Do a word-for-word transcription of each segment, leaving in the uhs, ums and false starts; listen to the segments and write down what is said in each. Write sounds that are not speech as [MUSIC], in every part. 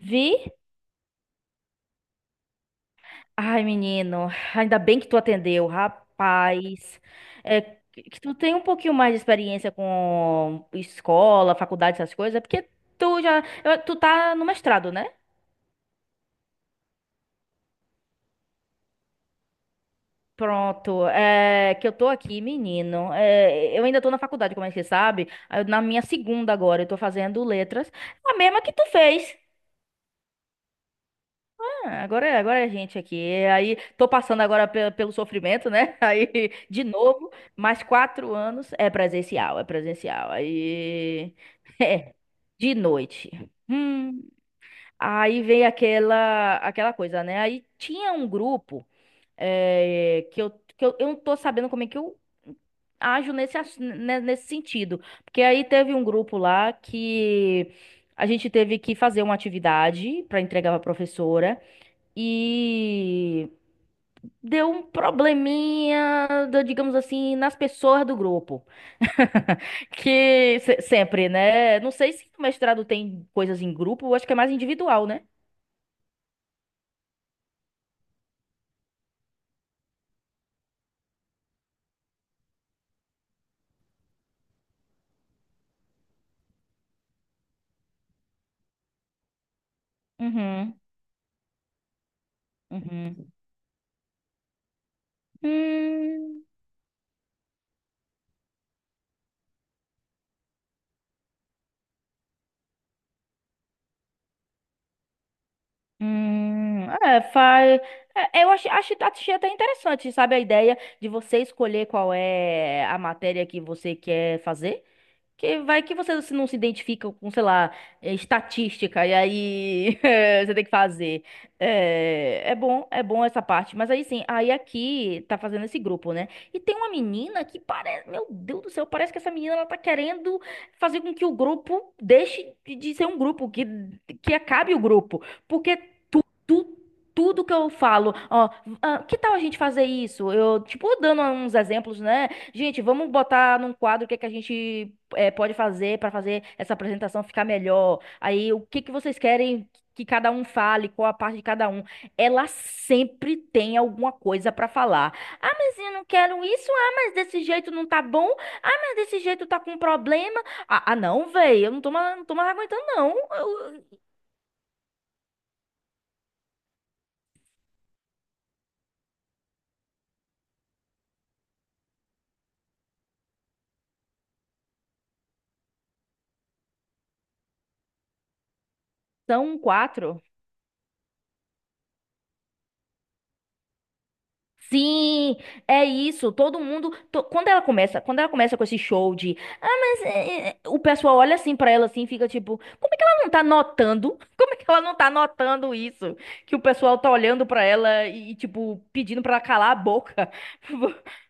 Vi? Ai, menino, ainda bem que tu atendeu, rapaz. É, que que tu tem um pouquinho mais de experiência com escola, faculdade, essas coisas, é porque tu já, eu- tu tá no mestrado, né? Pronto, é que eu tô aqui, menino. É, eu ainda tô na faculdade, como é que você sabe? Eu- Na minha segunda agora, eu tô fazendo letras, a mesma que tu fez. É, agora, é- agora é a gente aqui. E aí tô passando agora pe- pelo sofrimento, né? [LAUGHS] Aí de novo, mais quatro anos é presencial, é presencial. Aí [LAUGHS] de noite. Hum, aí vem aquela aquela coisa, né? Aí tinha um grupo é, que eu que eu, eu não tô sabendo como é que eu ajo nesse, ass- né, nesse sentido. Porque aí teve um grupo lá que a gente teve que fazer uma atividade para entregar para a professora. E deu um probleminha, do- digamos assim, nas pessoas do grupo. [LAUGHS] Que se- sempre, né? Não sei se no mestrado tem coisas em grupo, eu acho que é mais individual, né? Uhum, uhum. Hum, hum, é, faz. É, eu acho, acho, achei até interessante, sabe, a ideia de você escolher qual é a matéria que você quer fazer. Que vai que você se- não se identifica com, sei lá, eh, estatística, e aí [LAUGHS] eh, você tem que fazer. É, é bom, é bom essa parte. Mas aí sim, aí aqui tá fazendo esse grupo, né? E tem uma menina que parece, meu Deus do céu, parece que essa menina ela tá querendo fazer com que o grupo deixe de de ser um grupo, que, que acabe o grupo. Porque tu, tu- tudo que eu falo, ó, ah, que tal a gente fazer isso? Eu, tipo, dando uns exemplos, né? Gente, vamos botar num quadro o que é que a gente é, pode fazer para fazer essa apresentação ficar melhor? Aí, o que que vocês querem que cada um fale, qual a parte de cada um? Ela sempre tem alguma coisa para falar. Ah, mas eu não quero isso. Ah, mas desse jeito não tá bom. Ah, mas desse jeito tá com problema. Ah, ah, não, velho, eu não tô, mais- não tô mais aguentando, não. Eu- são quatro. Sim, é isso. Todo mundo, to- quando ela começa, quando ela começa com esse show de, ah, mas é, é", o pessoal olha assim pra ela assim, e fica tipo, como é que ela não tá notando? [LAUGHS] Como é que ela não tá notando isso? Que o pessoal tá olhando pra ela e tipo pedindo pra ela calar a boca. [LAUGHS]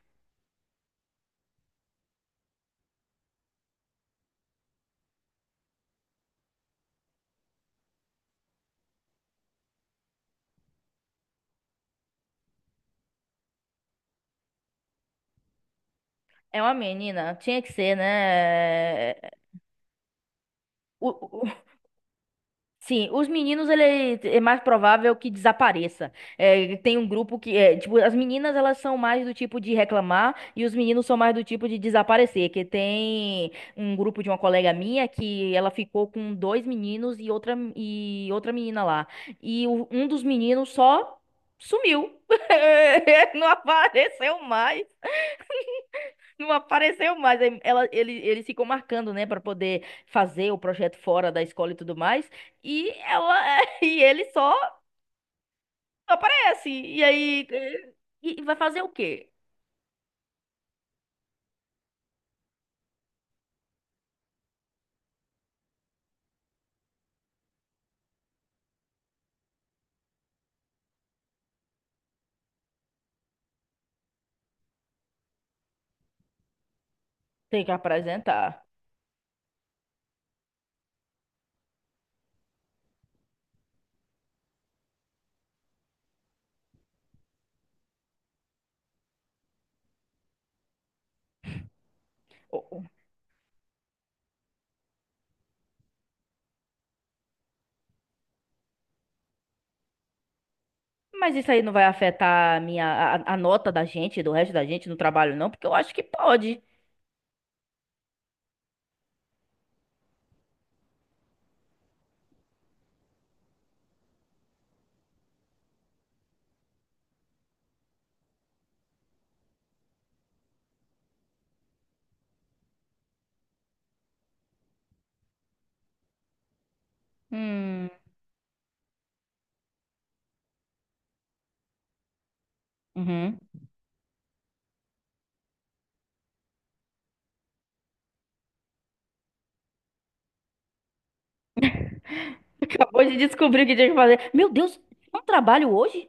É uma menina, tinha que ser, né? O, o- Sim, os meninos, ele é mais provável que desapareça. É, tem um grupo que, é, tipo, as meninas, elas são mais do tipo de reclamar e os meninos são mais do tipo de desaparecer. Que tem um grupo de uma colega minha que ela ficou com dois meninos e outra, e outra menina lá. E o- um dos meninos só sumiu. [LAUGHS] Não apareceu mais. Não apareceu mais. Aí ela, ele, eles ficam marcando, né, pra poder fazer o projeto fora da escola e tudo mais. E ela [LAUGHS] e ele só aparece. E aí eh, e, e vai fazer o quê? Tem que apresentar. O- o- Mas isso aí não vai afetar a minha a, a nota da gente, do resto da gente no trabalho, não? Porque eu acho que pode. Hum, uhum. [LAUGHS] Acabou de descobrir o que tinha que fazer. Meu Deus, não trabalho hoje?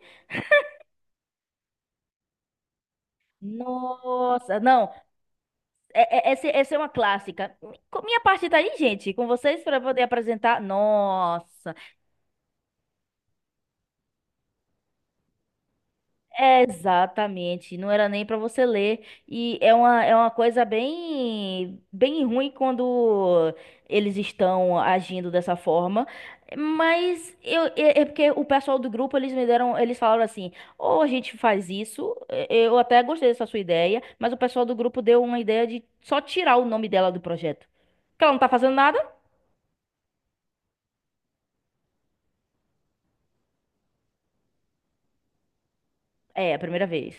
Nossa, não. É- é- Essa, essa é uma clássica. Com- Minha parte tá aí, gente, com vocês para poder apresentar. Nossa, exatamente. Não era nem para você ler. E é uma, é uma coisa bem, bem ruim quando eles estão agindo dessa forma. Mas eu, é, é porque o pessoal do grupo, eles me deram, eles falaram assim: ou a gente faz isso, é, eu até gostei dessa sua ideia, mas o pessoal do grupo deu uma ideia de só tirar o nome dela do projeto. Porque ela não tá fazendo nada. É, a primeira vez.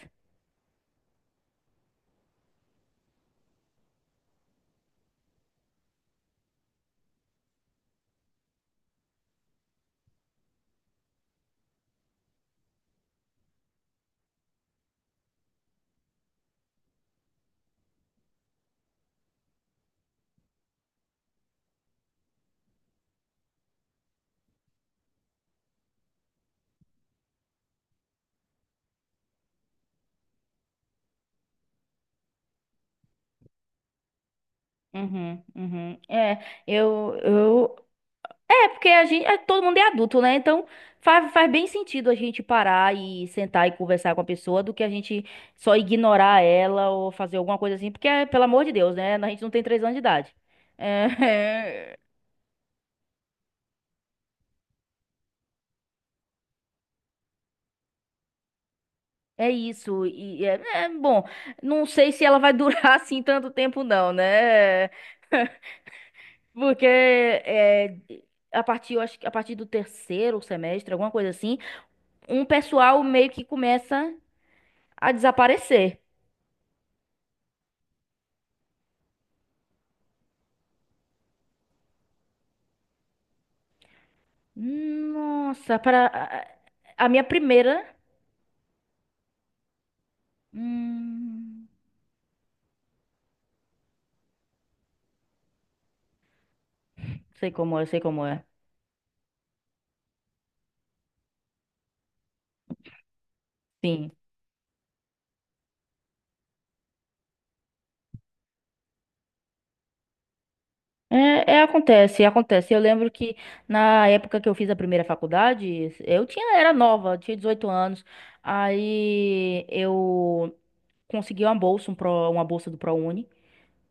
Uhum, uhum. É, eu, eu. É, porque a gente. É, todo mundo é adulto, né? Então faz, faz bem sentido a gente parar e sentar e conversar com a pessoa do que a gente só ignorar ela ou fazer alguma coisa assim, porque, é, pelo amor de Deus, né? A gente não tem três anos de idade. É, [LAUGHS] é isso. E é, é, bom, não sei se ela vai durar [LAUGHS] assim tanto tempo, não, né? Porque é, a partir, eu acho que a partir do terceiro semestre, alguma coisa assim um pessoal meio que começa a desaparecer. Nossa, para a a minha primeira. Hum, sei como é, sei como é. Sim. É, é, acontece, acontece. Eu lembro que na época que eu fiz a primeira faculdade, eu tinha, era nova, tinha 18 anos. Aí eu consegui uma bolsa, um pro, uma bolsa do ProUni.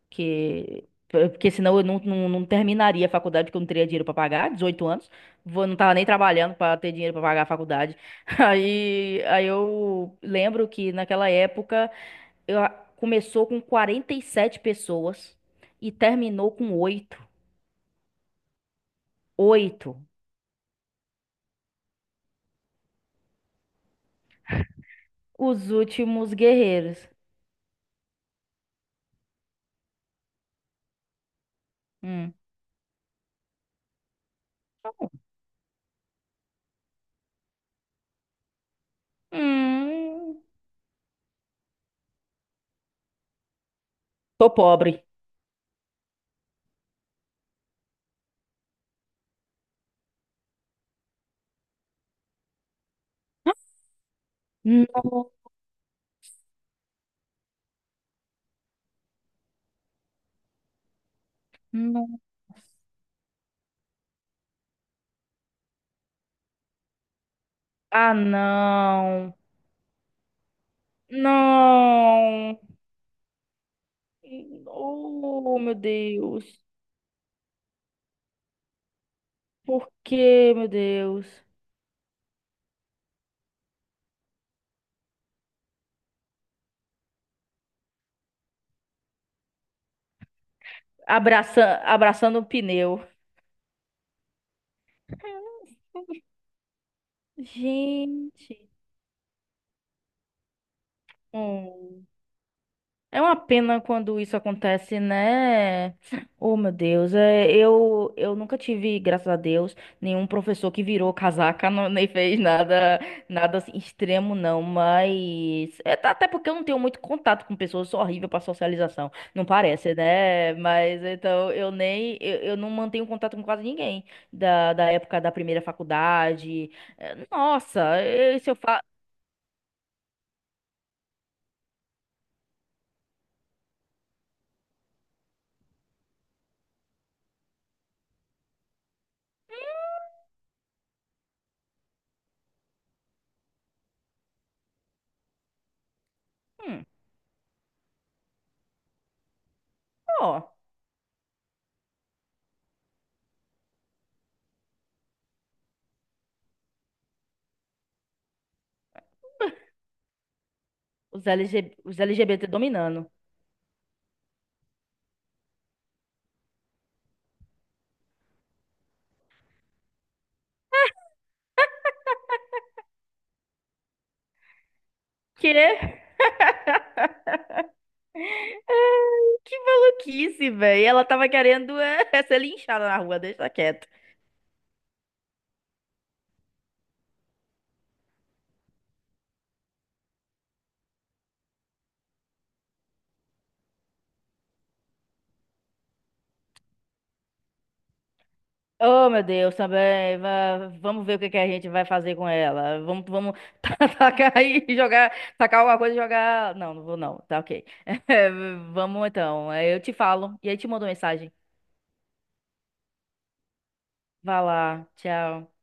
Que... Porque senão eu não, não, não terminaria a faculdade, porque eu não teria dinheiro pra pagar, dezoito anos. Vou, não tava nem trabalhando pra ter dinheiro pra pagar a faculdade. [LAUGHS] Aí, aí eu lembro que naquela época eu, a- começou com quarenta e sete pessoas e terminou com oito, oito. Os últimos guerreiros. Hum. Hum. Tô pobre. Não, não. Ah, não. Não. Oh, meu Deus. Por que, meu Deus? Abraça... Abraçando o pneu. Gente. Hum. É uma pena quando isso acontece, né? Oh, meu Deus, é, eu, eu nunca tive, graças a Deus, nenhum professor que virou casaca, não- nem fez nada, nada assim, extremo, não. Mas é, tá- até porque eu não tenho muito contato com pessoas, eu sou horrível para socialização, não parece, né? Mas então eu nem, eu, eu não mantenho contato com quase ninguém da, da época da primeira faculdade. É, nossa, eh, se eu falo, ó, os LG os L G B T dominando. Quê? Que maluquice, velho. Ela tava querendo é, [LAUGHS] ser linchada na rua, deixa quieto. Oh, meu Deus, também. va- Vamos ver o que que a gente vai fazer com ela. Vamos, vamos [LAUGHS] ta- tacar aí e jogar, tacar alguma coisa e jogar. Não, não vou não. Tá ok. [LAUGHS] É, vamos então. Aí eu te falo e aí te mando mensagem. Vá lá. Tchau.